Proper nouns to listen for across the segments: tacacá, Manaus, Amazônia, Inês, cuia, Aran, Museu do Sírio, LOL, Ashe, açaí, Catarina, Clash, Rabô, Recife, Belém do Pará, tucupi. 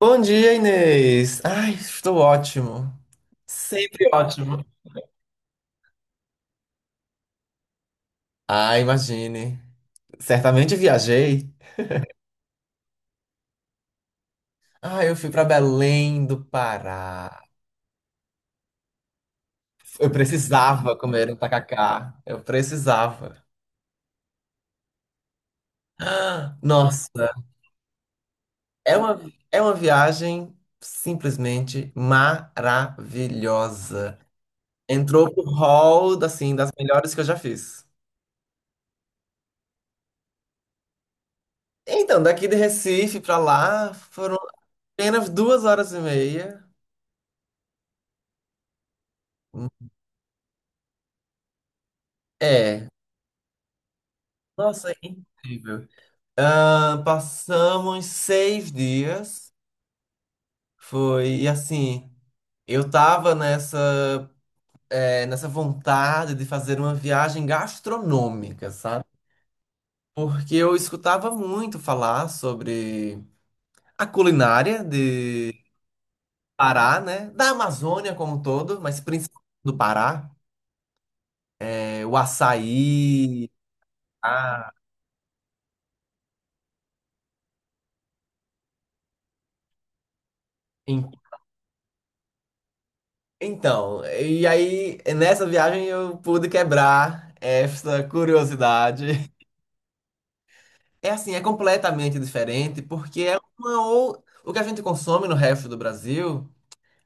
Bom dia, Inês. Ai, estou ótimo. Sempre ótimo. Ah, imagine. Certamente viajei. Ah, eu fui para Belém do Pará. Eu precisava comer um tacacá. Eu precisava. Ah, nossa, é uma, é uma viagem simplesmente maravilhosa. Entrou pro hall, assim, das melhores que eu já fiz. Então, daqui de Recife para lá foram apenas 2 horas e meia. É, nossa, incrível. Ah, passamos 6 dias. Foi, e assim, eu tava nessa vontade de fazer uma viagem gastronômica, sabe? Porque eu escutava muito falar sobre a culinária de Pará, né? Da Amazônia como um todo, mas principalmente do Pará. O açaí, a então, e aí nessa viagem eu pude quebrar essa curiosidade. É assim, é completamente diferente porque é uma ou, o que a gente consome no resto do Brasil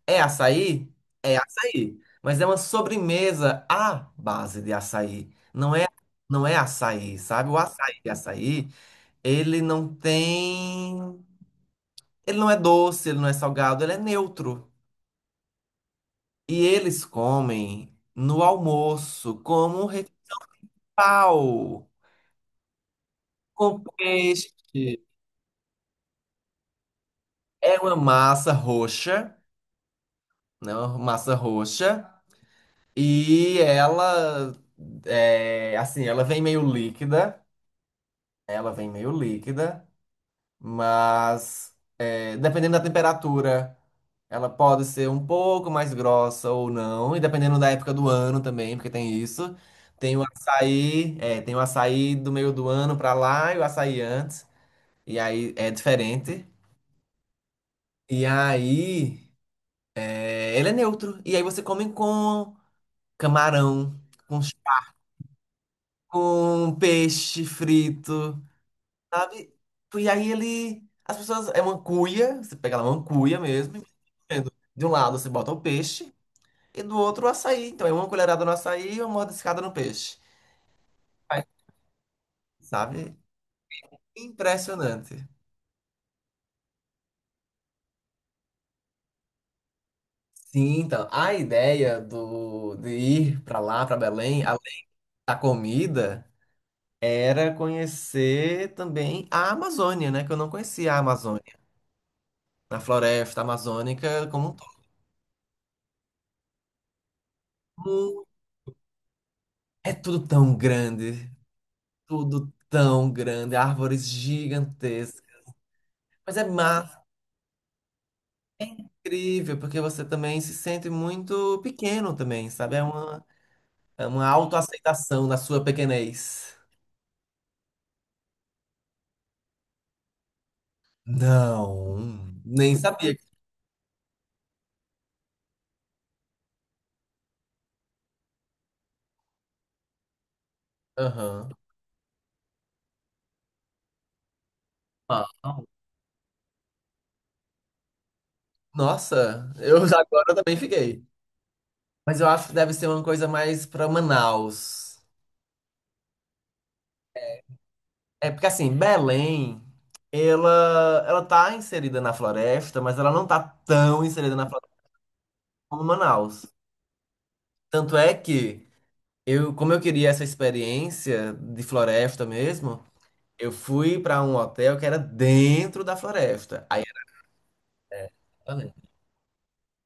é açaí, é açaí, mas é uma sobremesa à base de açaí. Não é açaí, sabe? O açaí de açaí, ele não tem, ele não é doce, ele não é salgado, ele é neutro. E eles comem no almoço como refeição principal, com peixe. É uma massa roxa, né? Uma massa roxa. E ela, assim, ela vem meio líquida. Ela vem meio líquida, mas, dependendo da temperatura, ela pode ser um pouco mais grossa ou não, e dependendo da época do ano também, porque tem isso. Tem o açaí do meio do ano pra lá e o açaí antes, e aí é diferente. E aí, ele é neutro. E aí você come com camarão, com, ch- com peixe frito, sabe? E aí as pessoas, é uma cuia, você pega lá uma cuia mesmo, e vai comendo. De um lado você bota o peixe, e do outro, o açaí. Então, é uma colherada no açaí e uma mordiscada no peixe. Aí, sabe? Impressionante. Sim, então, a ideia de ir para lá, para Belém, além da comida, era conhecer também a Amazônia, né? Que eu não conhecia a Amazônia. A floresta amazônica como um todo. Hum, É tudo tão grande, árvores gigantescas. Mas é massa, incrível, porque você também se sente muito pequeno também, sabe? É uma autoaceitação na sua pequenez. Não. Nem sabia. Aham. Não. Nossa, eu já agora também fiquei. Mas eu acho que deve ser uma coisa mais pra Manaus. É porque assim, Belém, ela tá inserida na floresta, mas ela não tá tão inserida na floresta como Manaus. Tanto é que eu, como eu queria essa experiência de floresta mesmo, eu fui pra um hotel que era dentro da floresta. Aí.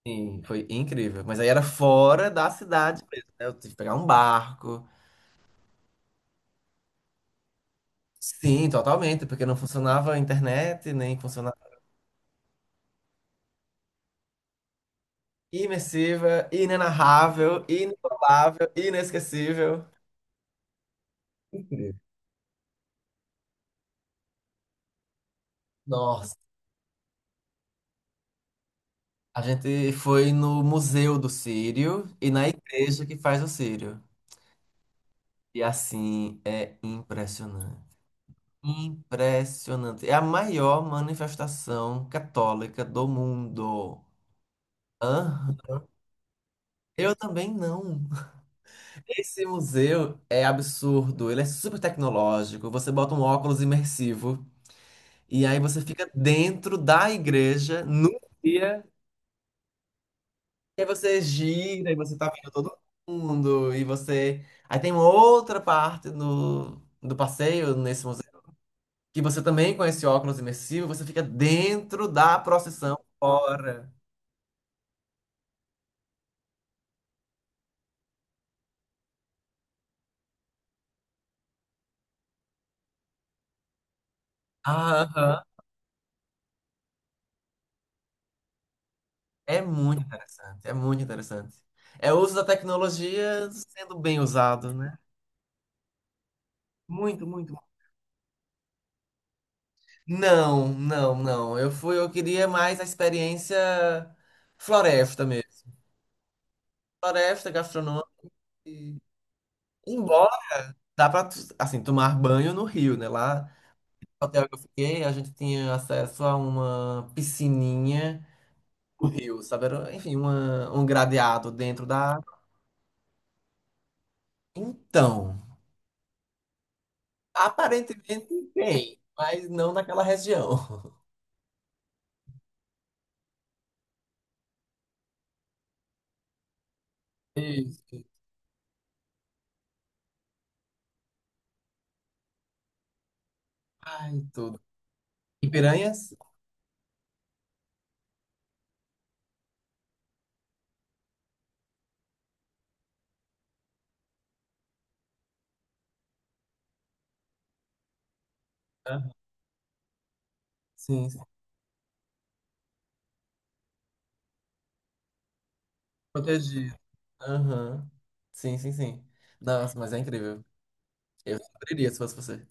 Sim, foi incrível. Mas aí era fora da cidade mesmo, né? Eu tive que pegar um barco. Sim, totalmente, porque não funcionava a internet, nem funcionava. Imersiva, inenarrável, inigualável, inesquecível. Incrível. Nossa, a gente foi no Museu do Sírio e na igreja que faz o Sírio. E assim, é impressionante. Impressionante. É a maior manifestação católica do mundo. Aham. Eu também não. Esse museu é absurdo, ele é super tecnológico. Você bota um óculos imersivo e aí você fica dentro da igreja num dia. E aí você gira e você tá vendo todo mundo e você. Aí tem uma outra parte do passeio nesse museu que você também com esse óculos imersivo, você fica dentro da procissão fora. Aham. É muito interessante, é muito interessante. É o uso da tecnologia sendo bem usado, né? Muito, muito. Não, não, não. Eu queria mais a experiência floresta mesmo. Floresta, gastronômica. e- Embora dá para assim tomar banho no rio, né? Lá no hotel que eu fiquei, a gente tinha acesso a uma piscininha no rio, sabe? Era, enfim, um gradeado dentro da água. Então, aparentemente tem, mas não naquela região. Isso. Ai, tudo. E piranhas? Hã? Sim, protegido. Aham. Sim, sim, sim. Nossa, mas é incrível. Eu abriria se fosse você.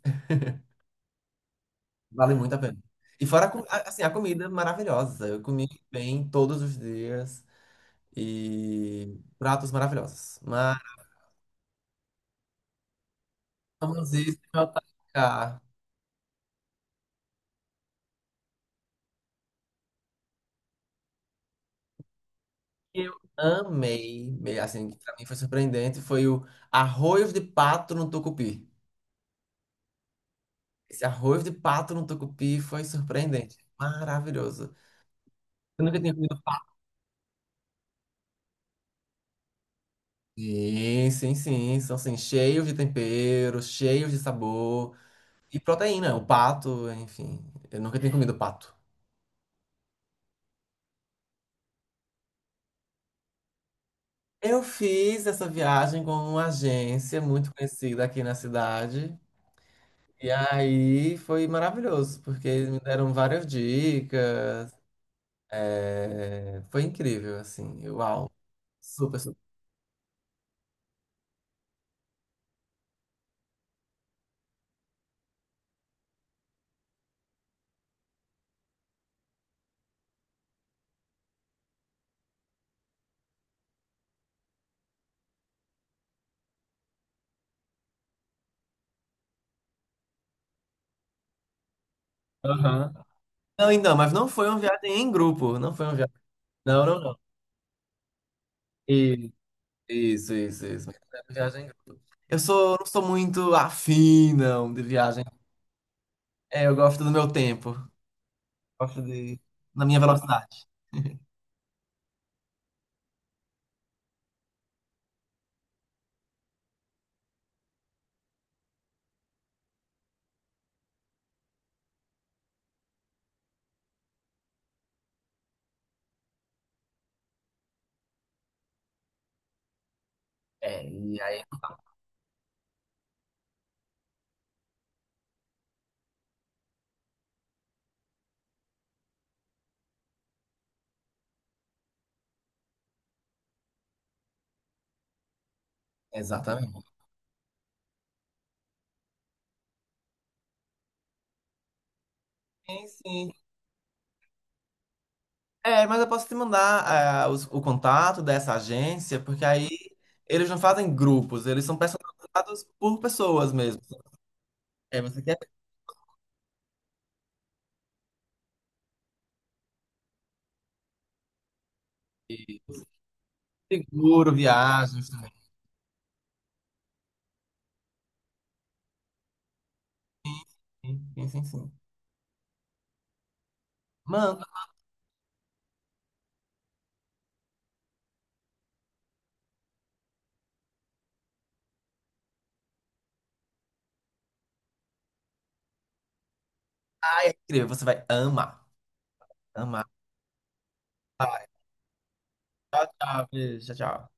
Vale muito a pena. E fora, assim, a comida maravilhosa. Eu comi bem todos os dias e pratos maravilhosos. Mas. Maravilhosíssimo atacar. Eu amei, assim, que pra mim foi surpreendente, foi o arroz de pato no tucupi. Esse arroz de pato no tucupi foi surpreendente. Maravilhoso. Eu nunca tinha comido. Sim, sim, sim. São assim, cheios de tempero, cheios de sabor e proteína. O pato, enfim. Eu nunca tinha comido pato. Eu fiz essa viagem com uma agência muito conhecida aqui na cidade. E aí foi maravilhoso, porque eles me deram várias dicas. É, foi incrível, assim. Uau, super, super. Aham. Não, então, mas não foi uma viagem em grupo. Não foi uma viagem. Não, não, não. Isso, isso, isso. Viagem em grupo. Não sou muito afim, não, de viagem. É, eu gosto do meu tempo. Gosto de... Na minha velocidade. É, e aí... Exatamente. Sim, sim. É, mas eu posso te mandar o contato dessa agência, porque aí eles não fazem grupos, eles são personalizados por pessoas mesmo. É, você quer seguro, viagens também. Sim, sim, sim. Manda. Ai, é incrível, você vai amar. Amar. Tá, tchau, tchau. Beijo, tchau, tchau.